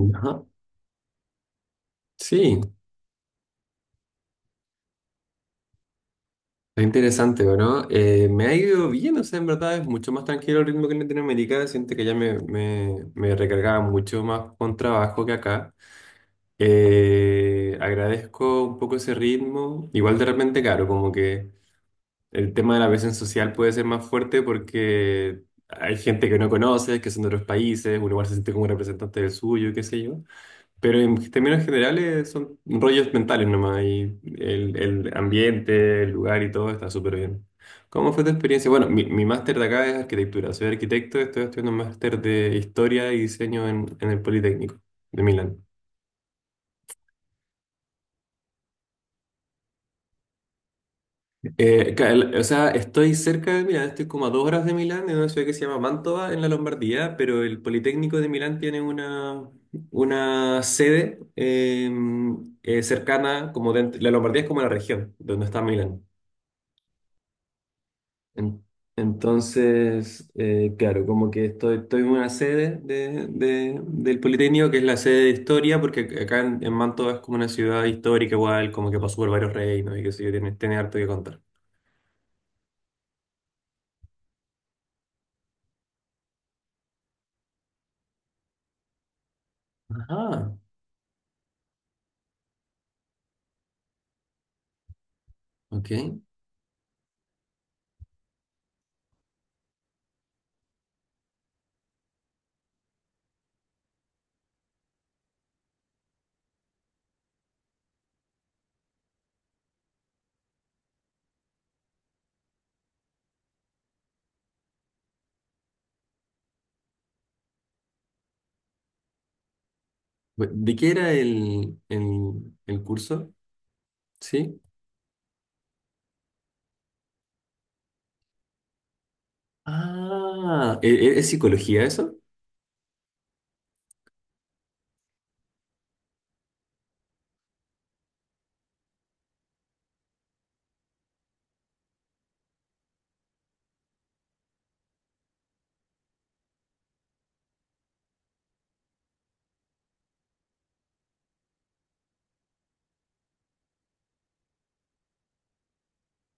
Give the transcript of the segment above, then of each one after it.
Ajá. Sí, es interesante, ¿no? Me ha ido bien, o sea, en verdad es mucho más tranquilo el ritmo que en Latinoamérica. Siento que ya me recargaba mucho más con trabajo que acá. Agradezco un poco ese ritmo. Igual de repente, claro, como que el tema de la presión social puede ser más fuerte porque hay gente que no conoces, que son de otros países, uno igual se siente como representante del suyo, qué sé yo. Pero en términos generales son rollos mentales nomás y el ambiente, el lugar y todo está súper bien. ¿Cómo fue tu experiencia? Bueno, mi máster de acá es arquitectura, soy arquitecto, estoy estudiando un máster de historia y diseño en el Politécnico de Milán. O sea, estoy cerca de Milán, estoy como a dos horas de Milán, en una ciudad que se llama Mantova, en la Lombardía, pero el Politécnico de Milán tiene una sede cercana, la Lombardía es como la región donde está Milán. En- Entonces, claro, como que estoy, estoy en una sede de, del Politécnico, que es la sede de historia, porque acá en Mantua es como una ciudad histórica igual, como que pasó por varios reinos y qué sé yo, tiene, tiene harto que contar. Ajá, ok. ¿De qué era el curso? ¿Sí? Ah, ¿es psicología eso?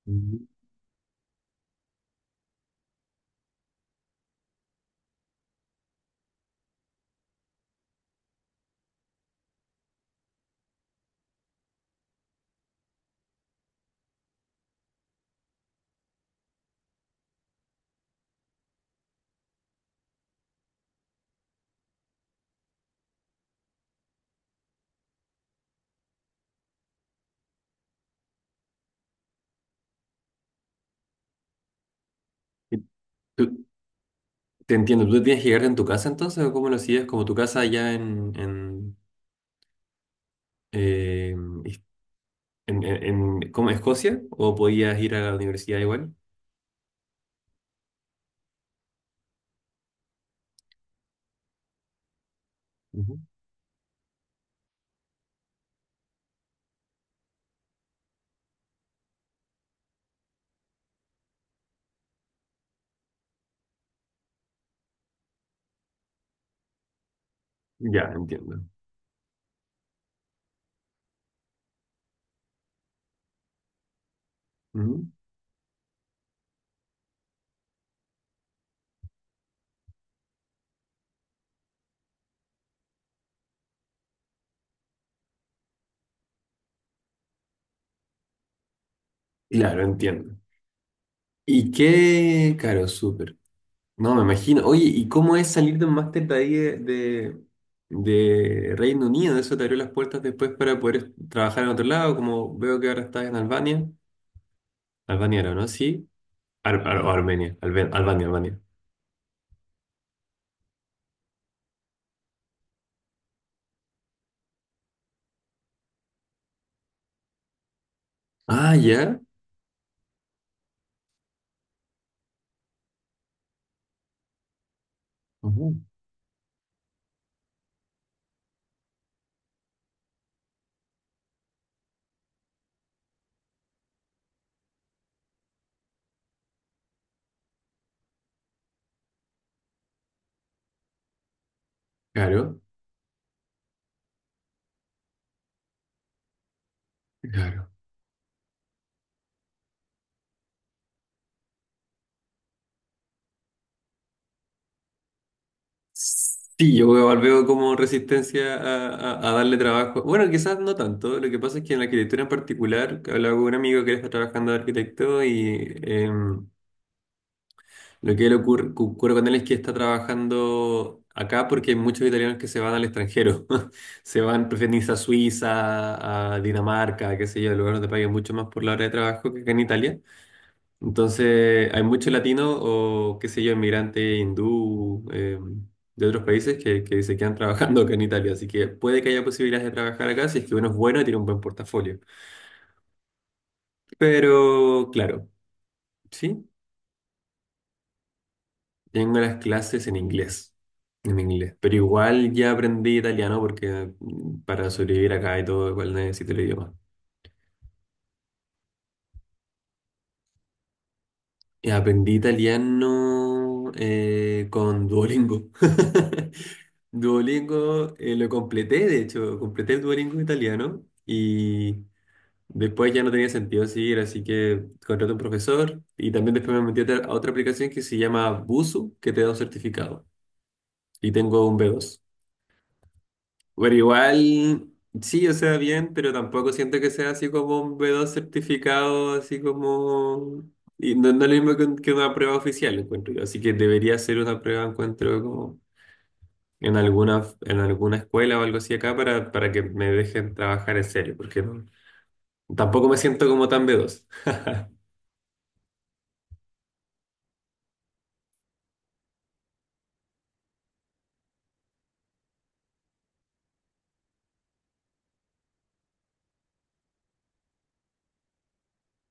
Mm. Y tú- te entiendo, ¿tú tenías que llegar en tu casa entonces o cómo lo hacías? Como tu casa allá eh, en, en, ¿cómo? ¿Escocia o podías ir a la universidad igual? Ujú. Ya, entiendo. Ujú. Claro, entiendo. ¿Y qué? Claro, súper. No, me imagino. Oye, ¿y cómo es salir de un máster de ahí de Reino Unido? ¿Eso te abrió las puertas después para poder trabajar en otro lado? Como veo que ahora estás en Albania. Albania era, ¿no? Sí. ¿O Armenia? Albania, Albania. Ah, ya. Ujú. Claro, claro. Sí, yo veo como resistencia a, a darle trabajo. Bueno, quizás no tanto. Lo que pasa es que en la arquitectura en particular, que hablaba con un amigo que él está trabajando de arquitecto y lo que le ocurre, ocurre con él es que está trabajando acá porque hay muchos italianos que se van al extranjero. Se van, prefieren irse a Suiza, a Dinamarca, qué sé yo, lugares donde paguen mucho más por la hora de trabajo que acá en Italia. Entonces, hay muchos latinos o, qué sé yo, inmigrantes hindú de otros países que se quedan trabajando acá en Italia. Así que puede que haya posibilidades de trabajar acá si es que uno es bueno y tiene un buen portafolio. Pero, claro, sí, tengo las clases en inglés. En inglés. Pero igual ya aprendí italiano porque mm, para sobrevivir acá y todo, igual necesito el idioma. Aprendí italiano con Duolingo. Duolingo lo completé, de hecho, completé el Duolingo italiano y después ya no tenía sentido seguir, así que contraté un profesor y también después me metí a otra aplicación que se llama Busu, que te da un certificado y tengo un B2, pero igual, sí, o sea, bien, pero tampoco siento que sea así como un B2 certificado, así como... Y no, no es lo mismo que, que una prueba oficial, encuentro yo. Así que debería ser una prueba, encuentro, como en alguna escuela o algo así acá para que me dejen trabajar en serio, porque tampoco me siento como tan B2.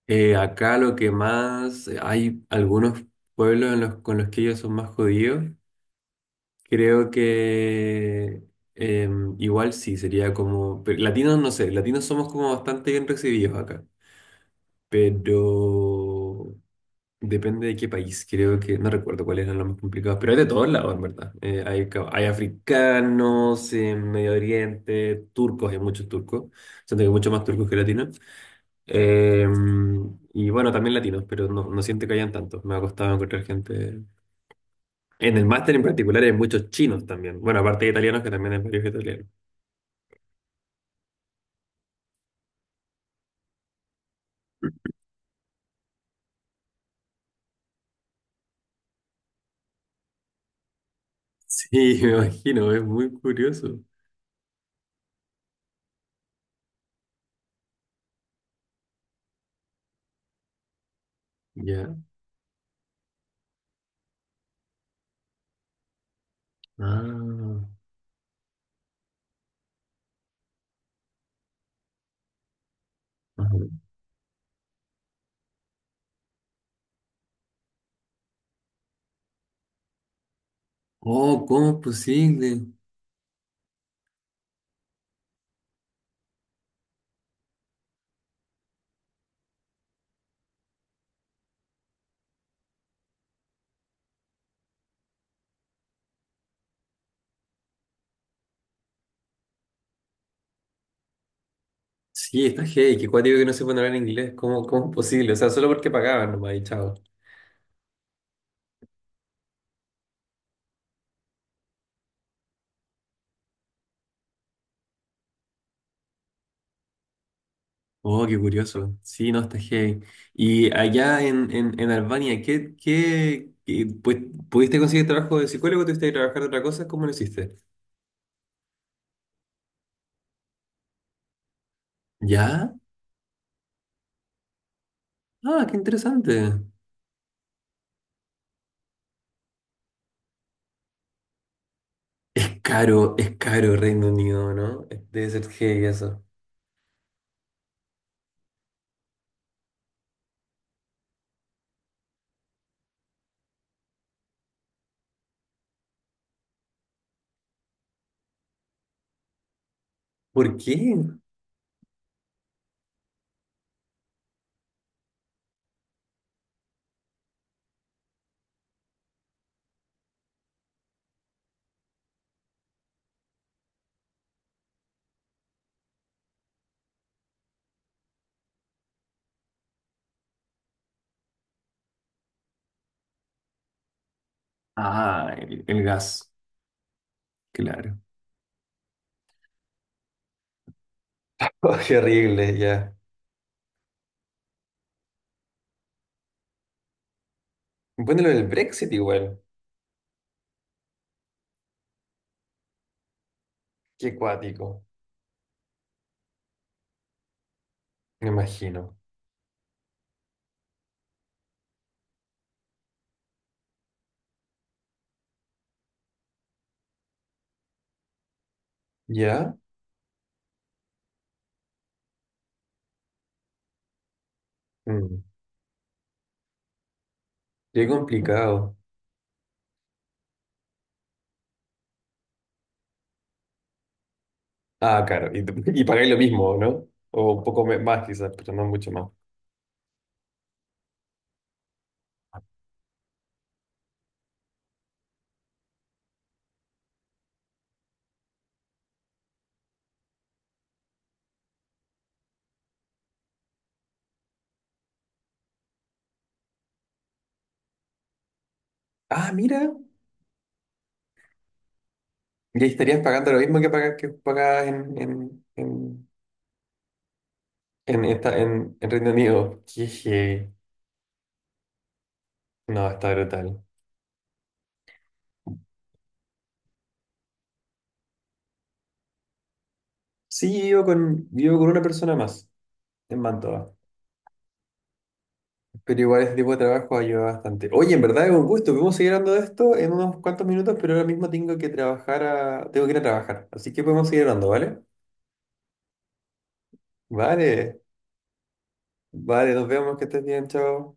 Acá lo que más... Hay algunos pueblos en los, con los que ellos son más jodidos. Creo que igual sí, sería como... Pero latinos no sé, latinos somos como bastante bien recibidos acá, pero depende de qué país, creo que no recuerdo cuáles eran los más complicados, pero hay de todos lados, en verdad. Hay, hay africanos, en Medio Oriente, turcos, hay muchos turcos, siento que hay muchos más turcos que latinos. Y bueno, también latinos, pero no, no siento que hayan tantos, me ha costado encontrar gente en el máster en particular hay muchos chinos también. Bueno, aparte de italianos, que también hay varios italianos. Sí, me imagino, es muy curioso. Ya. Ah, ajá. Oh, ¿cómo es posible? Sí, está heavy, qué cuático que no se pueden hablar inglés. ¿Cómo, cómo es posible? O sea, solo porque pagaban nomás y chao. Oh, qué curioso. Sí, no, está heavy. Y allá en Albania, pues, ¿pudiste conseguir trabajo de psicólogo? ¿Tuviste que trabajar de otra cosa? ¿Cómo lo hiciste? ¿Ya? Ah, qué interesante. Es caro Reino Unido, ¿no? Debe ser heavy eso. ¿Por qué? Ah, el gas, claro. Oh, qué horrible, ya. Bueno, lo del Brexit igual. Qué cuático, me imagino. ¿Ya? Mm, qué complicado. Ah, claro. Y y pagáis lo mismo, ¿no? O un poco más quizás, pero no mucho más. Ah, mira. Y ahí estarías pagando lo mismo que pagas en Reino Unido. Qué heavy. No, está brutal. Sí, vivo con una persona más en Mantoa, pero igual ese tipo de trabajo ayuda bastante. Oye, en verdad es un gusto, podemos seguir hablando de esto en unos cuantos minutos, pero ahora mismo tengo que trabajar tengo que ir a trabajar, así que podemos seguir hablando, ¿vale? Vale, vale, nos vemos, que estés bien, chao.